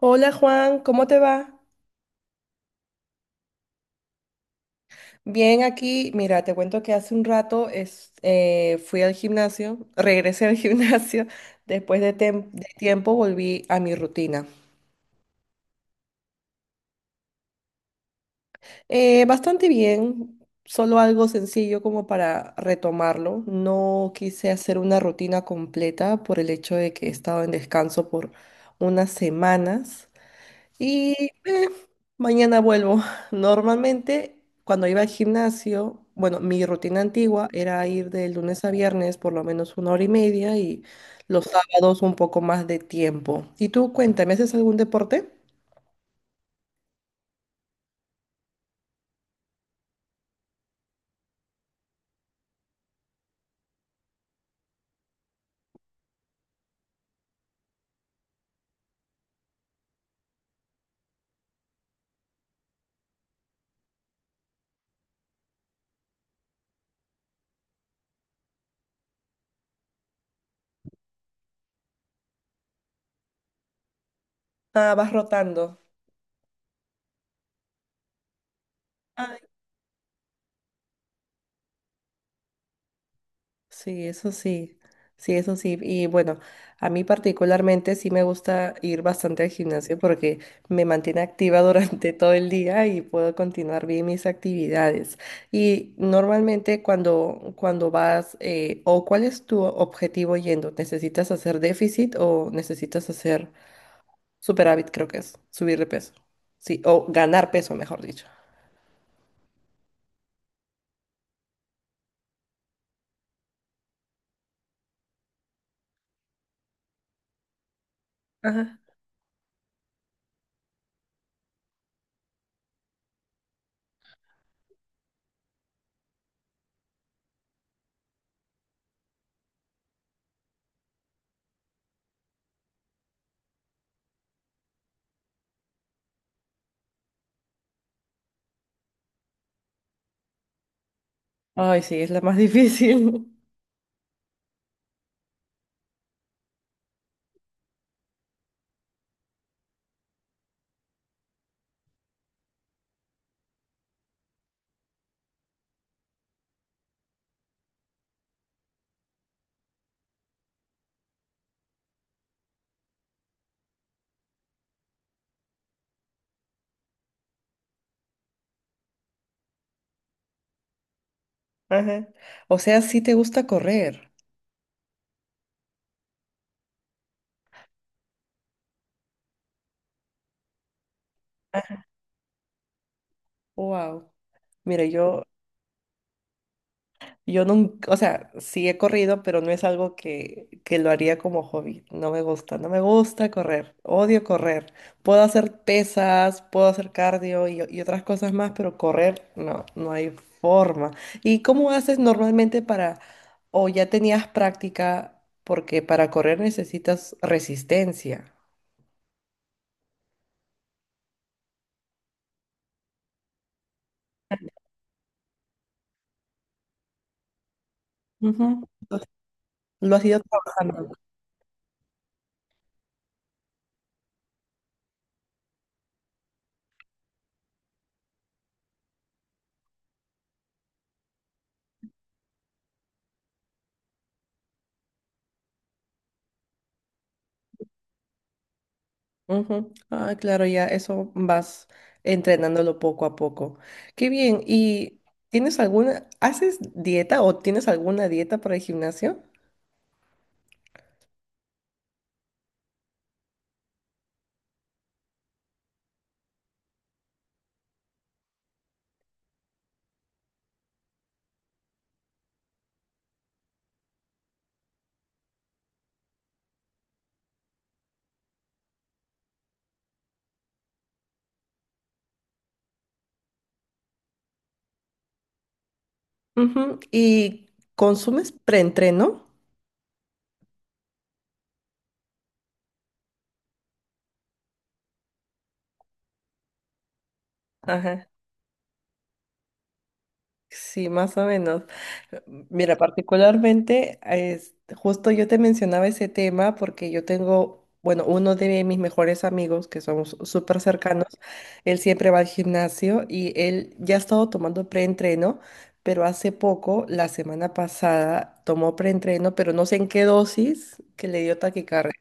Hola Juan, ¿cómo te va? Bien, aquí, mira, te cuento que hace un rato fui al gimnasio, regresé al gimnasio, después de tiempo volví a mi rutina. Bastante bien, solo algo sencillo como para retomarlo. No quise hacer una rutina completa por el hecho de que he estado en descanso por unas semanas. Y eh, mañana vuelvo. Normalmente, cuando iba al gimnasio, bueno, mi rutina antigua era ir de lunes a viernes por lo menos una hora y media y los sábados un poco más de tiempo. Y tú, cuéntame, ¿haces algún deporte? Ah, vas rotando. Sí, eso sí, sí, eso sí. Y bueno, a mí particularmente sí me gusta ir bastante al gimnasio porque me mantiene activa durante todo el día y puedo continuar bien mis actividades. Y normalmente cuando vas, o cuál es tu objetivo yendo, ¿necesitas hacer déficit o necesitas hacer superávit, creo que es, subir de peso? Sí, o ganar peso, mejor dicho. Ajá. Ay, sí, es la más difícil. Ajá. O sea, sí te gusta correr. Wow. Mira, yo nunca, o sea, sí he corrido, pero no es algo que lo haría como hobby. No me gusta, no me gusta correr. Odio correr. Puedo hacer pesas, puedo hacer cardio y otras cosas más, pero correr, no, no hay forma. ¿Y cómo haces normalmente para, o ya tenías práctica, porque para correr necesitas resistencia? Ujú. Lo has ido trabajando. Ujú. Ah, claro, ya eso vas entrenándolo poco a poco. Qué bien. ¿Y tienes alguna, haces dieta o tienes alguna dieta para el gimnasio? Ujú. ¿Y consumes preentreno? Ajá. Sí, más o menos. Mira, particularmente, es, justo yo te mencionaba ese tema porque yo tengo, bueno, uno de mis mejores amigos que somos súper cercanos, él siempre va al gimnasio y él ya ha estado tomando preentreno, pero hace poco, la semana pasada, tomó preentreno, pero no sé en qué dosis, que le dio taquicardia.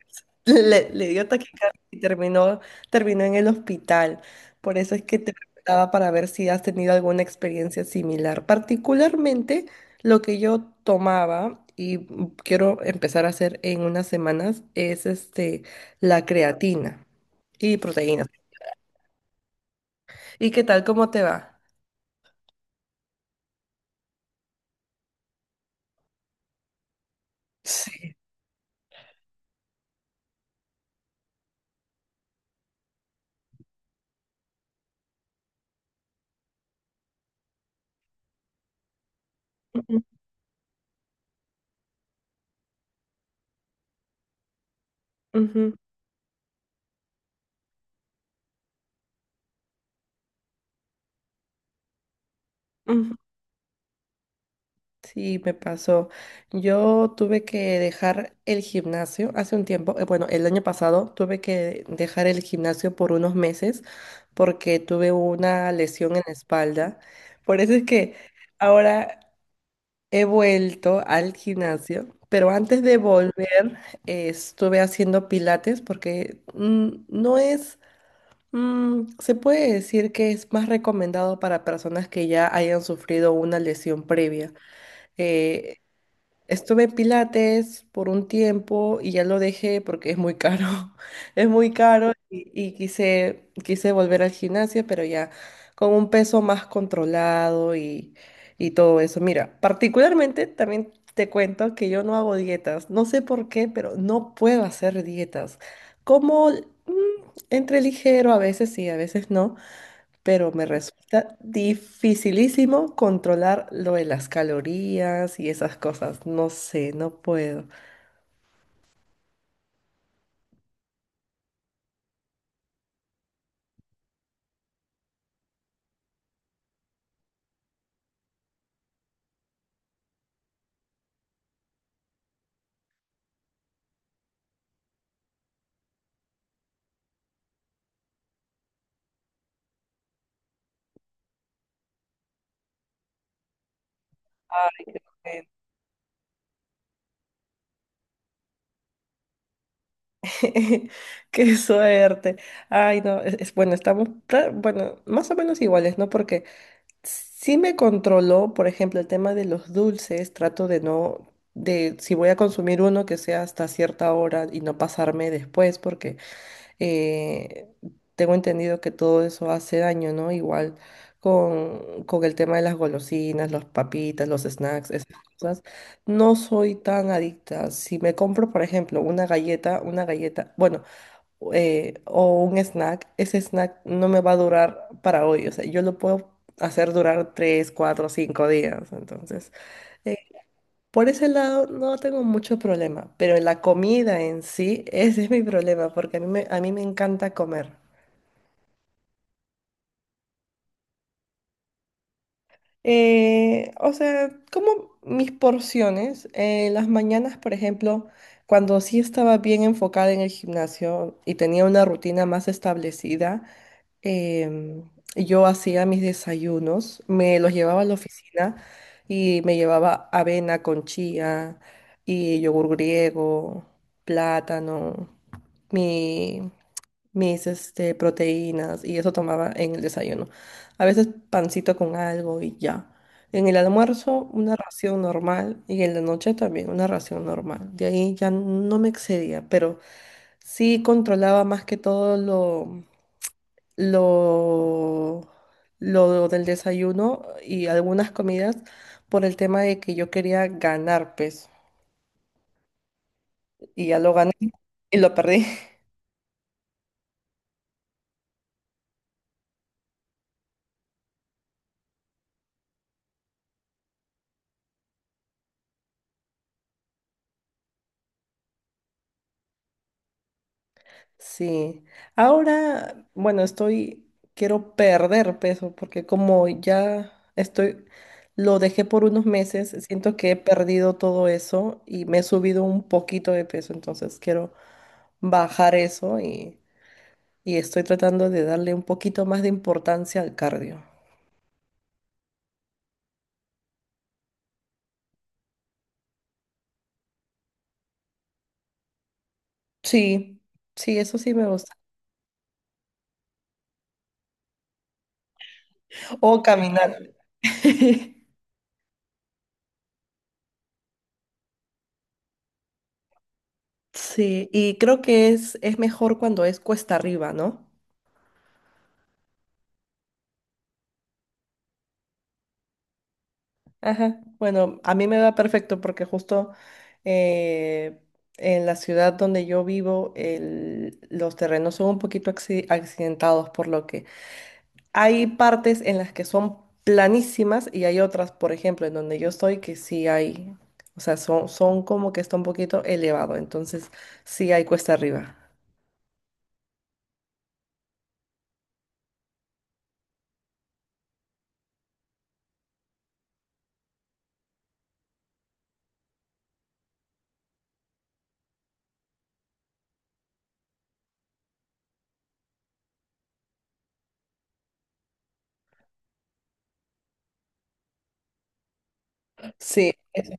Le dio taquicardia y terminó, terminó en el hospital. Por eso es que te preguntaba para ver si has tenido alguna experiencia similar. Particularmente lo que yo tomaba y quiero empezar a hacer en unas semanas es este, la creatina y proteínas. ¿Y qué tal? ¿Cómo te va? Sí. Ujú, ujú, ujú. Sí, me pasó. Yo tuve que dejar el gimnasio hace un tiempo, bueno, el año pasado tuve que dejar el gimnasio por unos meses porque tuve una lesión en la espalda. Por eso es que ahora he vuelto al gimnasio, pero antes de volver estuve haciendo pilates porque mm, no es... Mm, se puede decir que es más recomendado para personas que ya hayan sufrido una lesión previa. Eh, Estuve en Pilates por un tiempo y ya lo dejé porque es muy caro. Es muy caro y quise, quise volver al gimnasio, pero ya con un peso más controlado y todo eso. Mira, particularmente también te cuento que yo no hago dietas. No sé por qué, pero no puedo hacer dietas. Como mm, entre ligero a veces sí, a veces no, pero me resulta dificilísimo controlar lo de las calorías y esas cosas. No sé, no puedo. Ay, qué suerte. Ay, no, bueno, bueno, más o menos iguales, ¿no? Porque sí me controló, por ejemplo, el tema de los dulces, trato de no, de si voy a consumir uno que sea hasta cierta hora y no pasarme después, porque eh, tengo entendido que todo eso hace daño, ¿no? Igual con el tema de las golosinas, las papitas, los snacks, esas cosas. No soy tan adicta. Si me compro, por ejemplo, una galleta, bueno, o un snack, ese snack no me va a durar para hoy. O sea, yo lo puedo hacer durar tres, cuatro, cinco días. Entonces, por ese lado no tengo mucho problema, pero en la comida en sí, ese es mi problema, porque a mí me encanta comer. O sea, como mis porciones, las mañanas, por ejemplo, cuando sí estaba bien enfocada en el gimnasio y tenía una rutina más establecida, em, yo hacía mis desayunos, me los llevaba a la oficina y me llevaba avena con chía y yogur griego, plátano, mi- mis este, proteínas y eso tomaba en el desayuno. A veces pancito con algo y ya. En el almuerzo una ración normal y en la noche también una ración normal. De ahí ya no me excedía, pero sí controlaba más que todo lo, lo del desayuno y algunas comidas por el tema de que yo quería ganar peso y ya lo gané y lo perdí. Sí, ahora, bueno, estoy, quiero perder peso porque como ya estoy, lo dejé por unos meses, siento que he perdido todo eso y me he subido un poquito de peso, entonces quiero bajar eso y estoy tratando de darle un poquito más de importancia al cardio. Sí, sí, eso sí me gusta. O caminar. Sí, y creo que es mejor cuando es cuesta arriba, ¿no? Ajá. Bueno, a mí me va perfecto porque justo eh, en la ciudad donde yo vivo, los terrenos son un poquito accidentados, por lo que hay partes en las que son planísimas y hay otras, por ejemplo, en donde yo estoy, que sí hay, o sea, son como que está un poquito elevado, entonces sí hay cuesta arriba. Sí, es-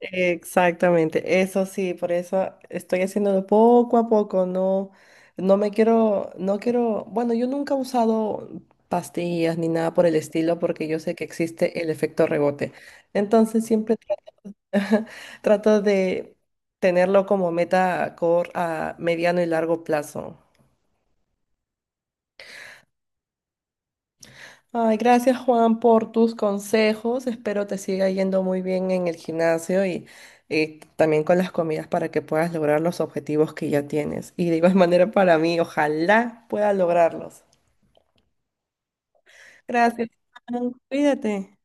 Exactamente. Eso sí, por eso estoy haciéndolo poco a poco. No, no me quiero, no quiero. Bueno, yo nunca he usado pastillas ni nada por el estilo, porque yo sé que existe el efecto rebote. Entonces siempre trato de tenerlo como meta a a mediano y largo plazo. Ay, gracias Juan por tus consejos. Espero te siga yendo muy bien en el gimnasio y también con las comidas para que puedas lograr los objetivos que ya tienes. Y de igual manera para mí, ojalá pueda lograrlos. Gracias, Juan. Cuídate.